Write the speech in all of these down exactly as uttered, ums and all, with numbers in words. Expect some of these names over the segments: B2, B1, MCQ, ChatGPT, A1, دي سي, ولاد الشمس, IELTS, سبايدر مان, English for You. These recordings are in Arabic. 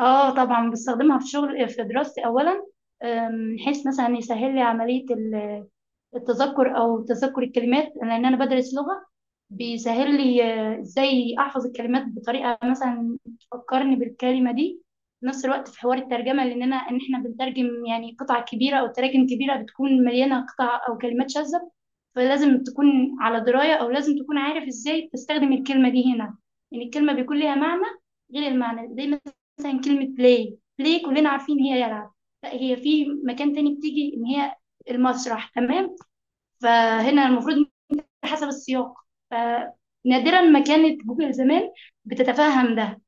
اه، طبعا بستخدمها في شغل في دراستي اولا. آم، من حيث مثلا يسهل لي عمليه ال- التذكر او تذكر الكلمات لان انا بدرس لغه. بيسهل لي آه، ازاي احفظ الكلمات بطريقه مثلا تفكرني بالكلمه دي. في نفس الوقت في حوار الترجمه لان انا ان احنا بنترجم يعني قطع كبيره او تراكم كبيره بتكون مليانه قطع او كلمات شاذه، فلازم تكون على دراية أو لازم تكون عارف إزاي تستخدم الكلمة دي هنا. يعني الكلمة بيكون ليها معنى غير المعنى، زي مثلا كلمة بلاي، بلاي كلنا عارفين هي يلعب، لا هي في مكان تاني بتيجي إن هي المسرح، تمام؟ فهنا المفروض حسب السياق. فنادرا ما كانت جوجل زمان بتتفهم ده،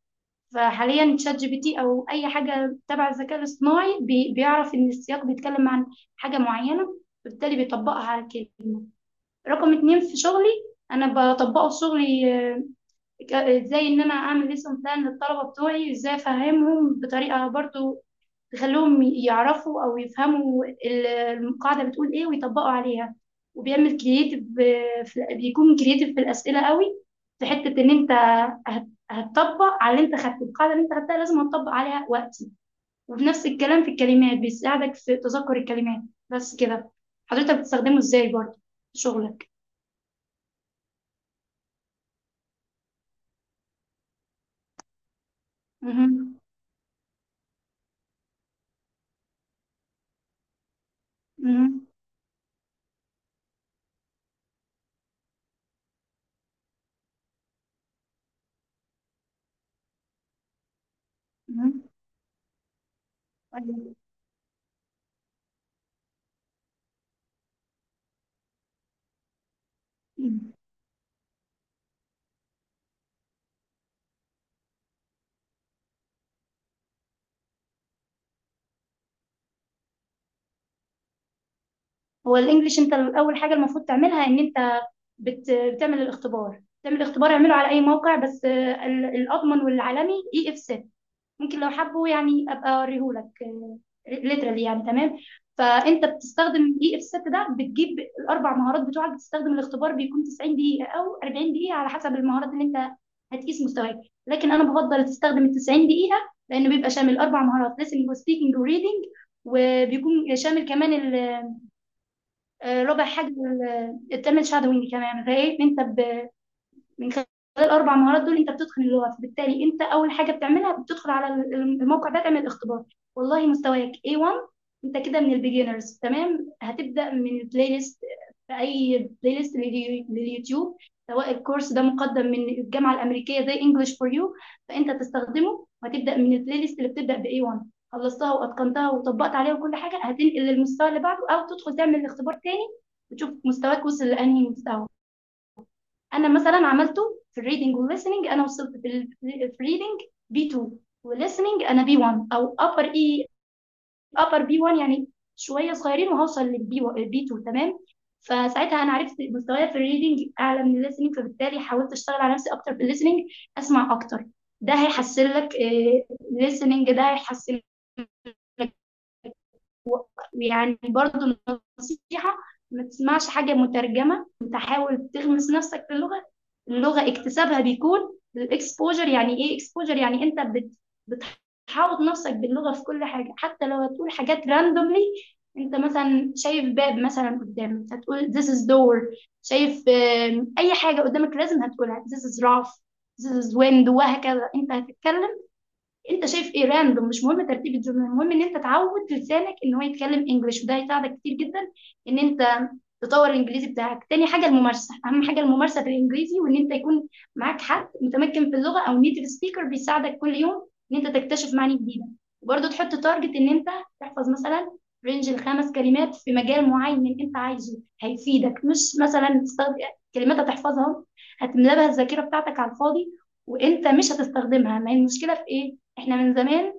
فحاليا شات جي بي تي أو أي حاجة تبع الذكاء الاصطناعي بي- بيعرف إن السياق بيتكلم عن حاجة معينة، فبالتالي بيطبقها على كده. رقم اتنين، في شغلي انا بطبقه في شغلي. آه، ك- ازاي ان انا اعمل ليسون بلان للطلبه بتوعي وازاي افهمهم بطريقه برضو تخليهم يعرفوا او يفهموا ال- القاعده بتقول ايه ويطبقوا عليها. وبيعمل كرييتيف، بيكون كرييتيف في الاسئله قوي. في حته ان انت هت- هتطبق على اللي انت خدته، القاعده اللي انت خدتها لازم هتطبق عليها وقتي. وفي نفس الكلام في الكلمات بيساعدك في تذكر الكلمات. بس كده. حضرتك بتستخدمه ازاي برضو في شغلك؟ مهم. مم. مم. طيب. مم. هو الانجليش، انت اول حاجه المفروض تعملها ان انت بت... بتعمل الاختبار، تعمل الاختبار اعمله على اي موقع، بس آه، ال- الاضمن والعالمي اي اف. ممكن لو حبوا يعني ابقى اوريهولك ليترالي، يعني تمام. فانت بتستخدم اي اف ستة، ده بتجيب الاربع مهارات بتوعك. بتستخدم الاختبار، بيكون تسعين دقيقه او اربعين دقيقه على حسب المهارات اللي انت هتقيس مستواك. لكن انا بفضل تستخدم ال تسعين دقيقه، لانه بيبقى شامل اربع مهارات، listening وسبيكنج وريدنج، وبيكون شامل كمان ال- آه، ربع حاجه، الترم شادوينج كمان. فايه انت ب- من خلال الاربع مهارات دول انت بتتقن اللغه. فبالتالي انت اول حاجه بتعملها، بتدخل على ال- الموقع ده تعمل اختبار. والله مستواك اي وان، انت كده من البيجنرز، تمام، هتبدا من البلاي ليست. في اي بلاي ليست لليو- لليوتيوب، سواء الكورس ده مقدم من الجامعه الامريكيه زي انجلش فور يو، فانت تستخدمه وهتبدا من البلاي ليست اللي بتبدا ب اي وان. خلصتها واتقنتها وطبقت عليها وكل حاجه، هتنقل للمستوى اللي بعده، او تدخل تعمل اختبار تاني وتشوف مستواك وصل لانهي مستوى. انا مثلا عملته في الريدنج والليسننج. انا وصلت في ال- في الريدنج بي اتنين، والليسننج انا بي واحد او ابر اي، ابر بي واحد يعني، شويه صغيرين وهوصل للبي بي اتنين، تمام؟ فساعتها انا عرفت مستوايا في الريدنج اعلى من الليسننج، فبالتالي حاولت اشتغل على نفسي اكتر في الليسننج، اسمع اكتر. ده هيحسن لك الليسننج، ده هيحسن لك. يعني برضو نصيحة، ما تسمعش حاجة مترجمة، انت حاول تغمس نفسك في اللغة. اللغة اكتسابها بيكون الاكسبوجر. يعني ايه اكسبوجر؟ يعني انت بت... بتحاوط نفسك باللغة في كل حاجة، حتى لو هتقول حاجات راندوملي. انت مثلا شايف باب مثلا قدامك، هتقول this is door. شايف آم، اي حاجة قدامك لازم هتقولها، this is rough، this is window، وهكذا انت هتتكلم. انت شايف ايه راندوم، مش مهم ترتيب الجمل، المهم ان انت تعود لسانك ان هو يتكلم انجليش، وده هيساعدك كتير جدا ان انت تطور الانجليزي بتاعك. تاني حاجه الممارسه، اهم حاجه الممارسه في الانجليزي، وان انت يكون معاك حد متمكن في اللغه او نيتيف سبيكر، بيساعدك كل يوم ان انت تكتشف معاني جديده. وبرضه تحط تارجت ان انت تحفظ مثلا رينج الخمس كلمات في مجال معين انت عايزه، هيفيدك. مش مثلا تستخدم كلمات هتحفظها هتملى بها الذاكره بتاعتك على الفاضي وانت مش هتستخدمها. ما هي المشكله في ايه؟ احنا من زمان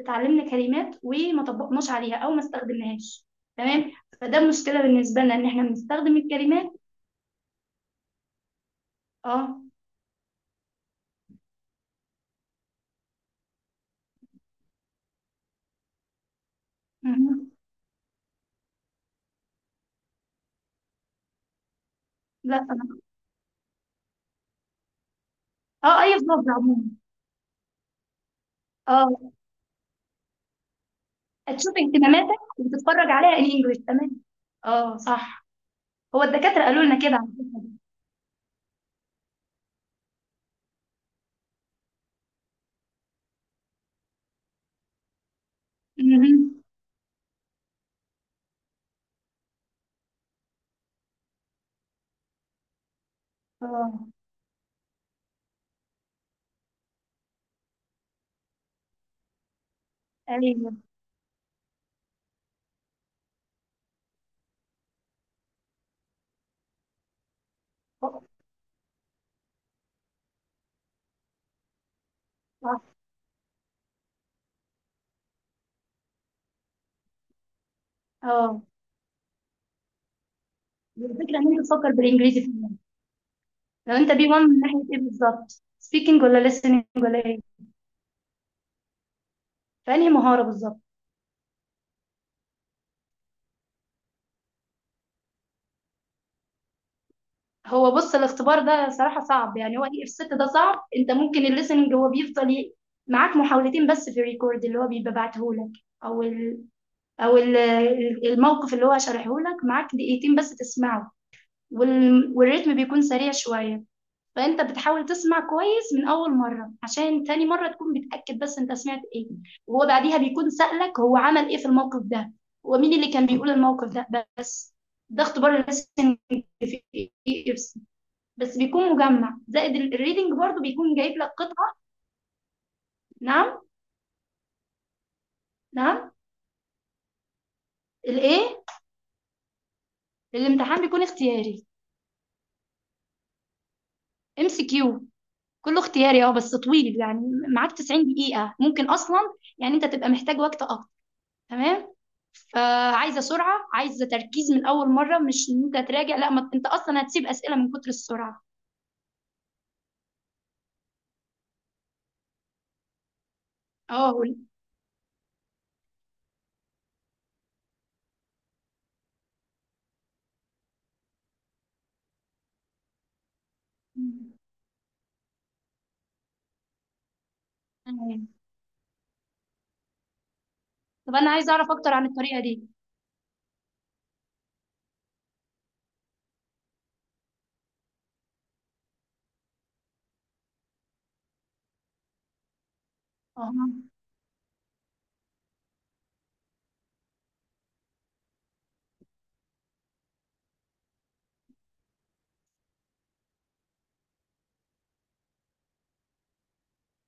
اتعلمنا كلمات وما طبقناش عليها او ما استخدمناهاش، تمام؟ فده مشكله بالنسبه لنا ان احنا بنستخدم الكلمات. اه. مهم. لا أنا- اه، اي لفظ عموما. اه، هتشوف اهتماماتك وبتتفرج عليها ان انجلش، تمام. اه صح، هو الدكاتره قالوا لنا كده على فكره. مهم. اه. ايوه. صح. اه. الفكره ان انت تفكر بالانجليزي فعلا. لو انت بي واحد من ناحيه ايه بالظبط، سبيكنج ولا listening ولا ايه؟ فانهي مهاره بالظبط؟ هو بص، الاختبار ده صراحة صعب، يعني هو اف ستة ده صعب. انت ممكن الليسننج هو بيفضل ي- معاك محاولتين بس في الريكورد اللي هو بيبقى بعتهولك، او ال او ال الموقف اللي هو شارحهولك، معاك دقيقتين بس تسمعه. وال والريتم بيكون سريع شوية، فانت بتحاول تسمع كويس من اول مرة عشان تاني مرة تكون بتأكد بس انت سمعت ايه. وهو بعديها بيكون سألك هو عمل ايه في الموقف ده ومين اللي كان بيقول الموقف ده بس. ده اختبار الليسننج في اف، بس بيكون مجمع زائد ال- الريدنج برضو بيكون جايب لك قطعة. نعم. نعم. الايه؟ الامتحان بيكون اختياري، ام سي كيو، كله اختياري، اه بس طويل يعني. معاك تسعين دقيقة، ممكن اصلا يعني انت تبقى محتاج وقت اكتر، تمام؟ فعايزة سرعة، عايزة تركيز من اول مرة، مش ان انت تراجع، لا، ما انت اصلا هتسيب اسئلة من كتر السرعة. اه وال- تمام. طب انا عايزة اعرف اكتر عن الطريقة دي. اه.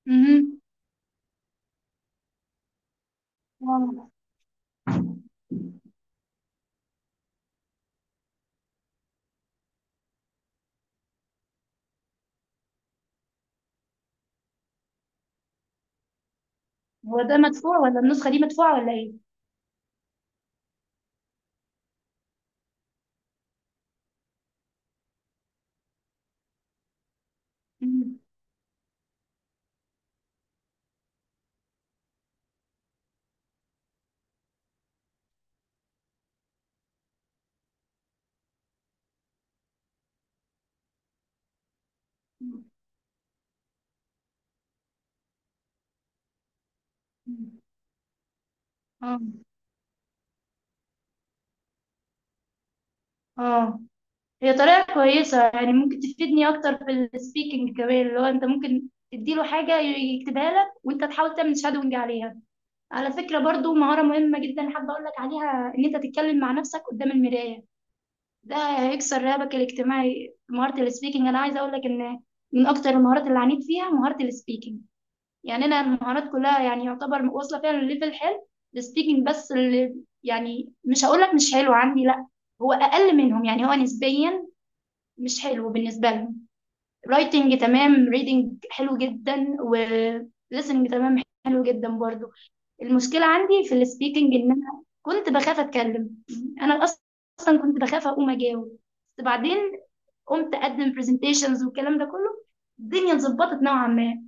مهم. آه. هو ده مدفوع ولا النسخة دي مدفوعة ولا ايه؟ مم. اه. اه. هي طريقة كويسة، يعني ممكن تفيدني أكتر في السبيكنج كمان، اللي هو أنت ممكن تديله حاجة يكتبها لك وأنت تحاول تعمل شادونج عليها. على فكرة برضو مهارة مهمة جدا حابة أقول لك عليها، إن أنت تتكلم مع نفسك قدام المراية، ده هيكسر رهبك الاجتماعي. مهارة السبيكنج، أنا عايزة أقول لك إن من أكتر المهارات اللي عانيت فيها مهارة السبيكنج. يعني أنا المهارات كلها يعني يعتبر واصلة فيها لليفل حلو، السبيكنج بس اللي، يعني مش هقول لك مش حلو عندي، لا، هو اقل منهم يعني، هو نسبيا مش حلو بالنسبة لهم. رايتنج تمام، ريدنج حلو جدا، و listening تمام، حلو جدا برضو. المشكلة عندي في السبيكنج ان انا كنت بخاف اتكلم، انا اصلا كنت بخاف اقوم اجاوب. بس بعدين قمت اقدم برزنتيشنز والكلام ده كله، الدنيا اتظبطت نوعا ما.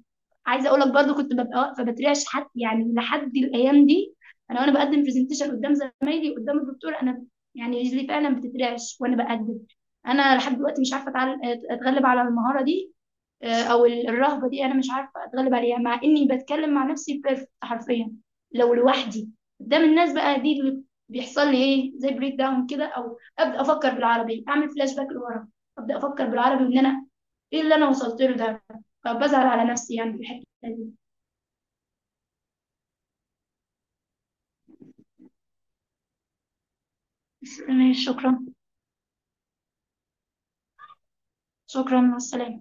عايزه اقول لك برضو، كنت ببقى واقفه بترعش حد يعني، لحد الايام دي انا وانا بقدم برزنتيشن قدام زمايلي قدام الدكتور، انا يعني رجلي فعلا بتترعش وانا بقدم. انا لحد دلوقتي مش عارفه أتعل- اتغلب على المهاره دي، آه، او ال- الرهبه دي انا مش عارفه اتغلب عليها، مع اني بتكلم مع نفسي بيرفكت حرفيا لو لوحدي. قدام الناس بقى دي اللي بيحصل لي، ايه زي بريك داون كده، او ابدا افكر بالعربي، اعمل فلاش باك لورا، ابدا افكر بالعربي وان انا ايه اللي انا وصلت له ده، فبزعل على نفسي يعني في الحته دي. بس- ماشي، شكرا. شكرا والسلامه.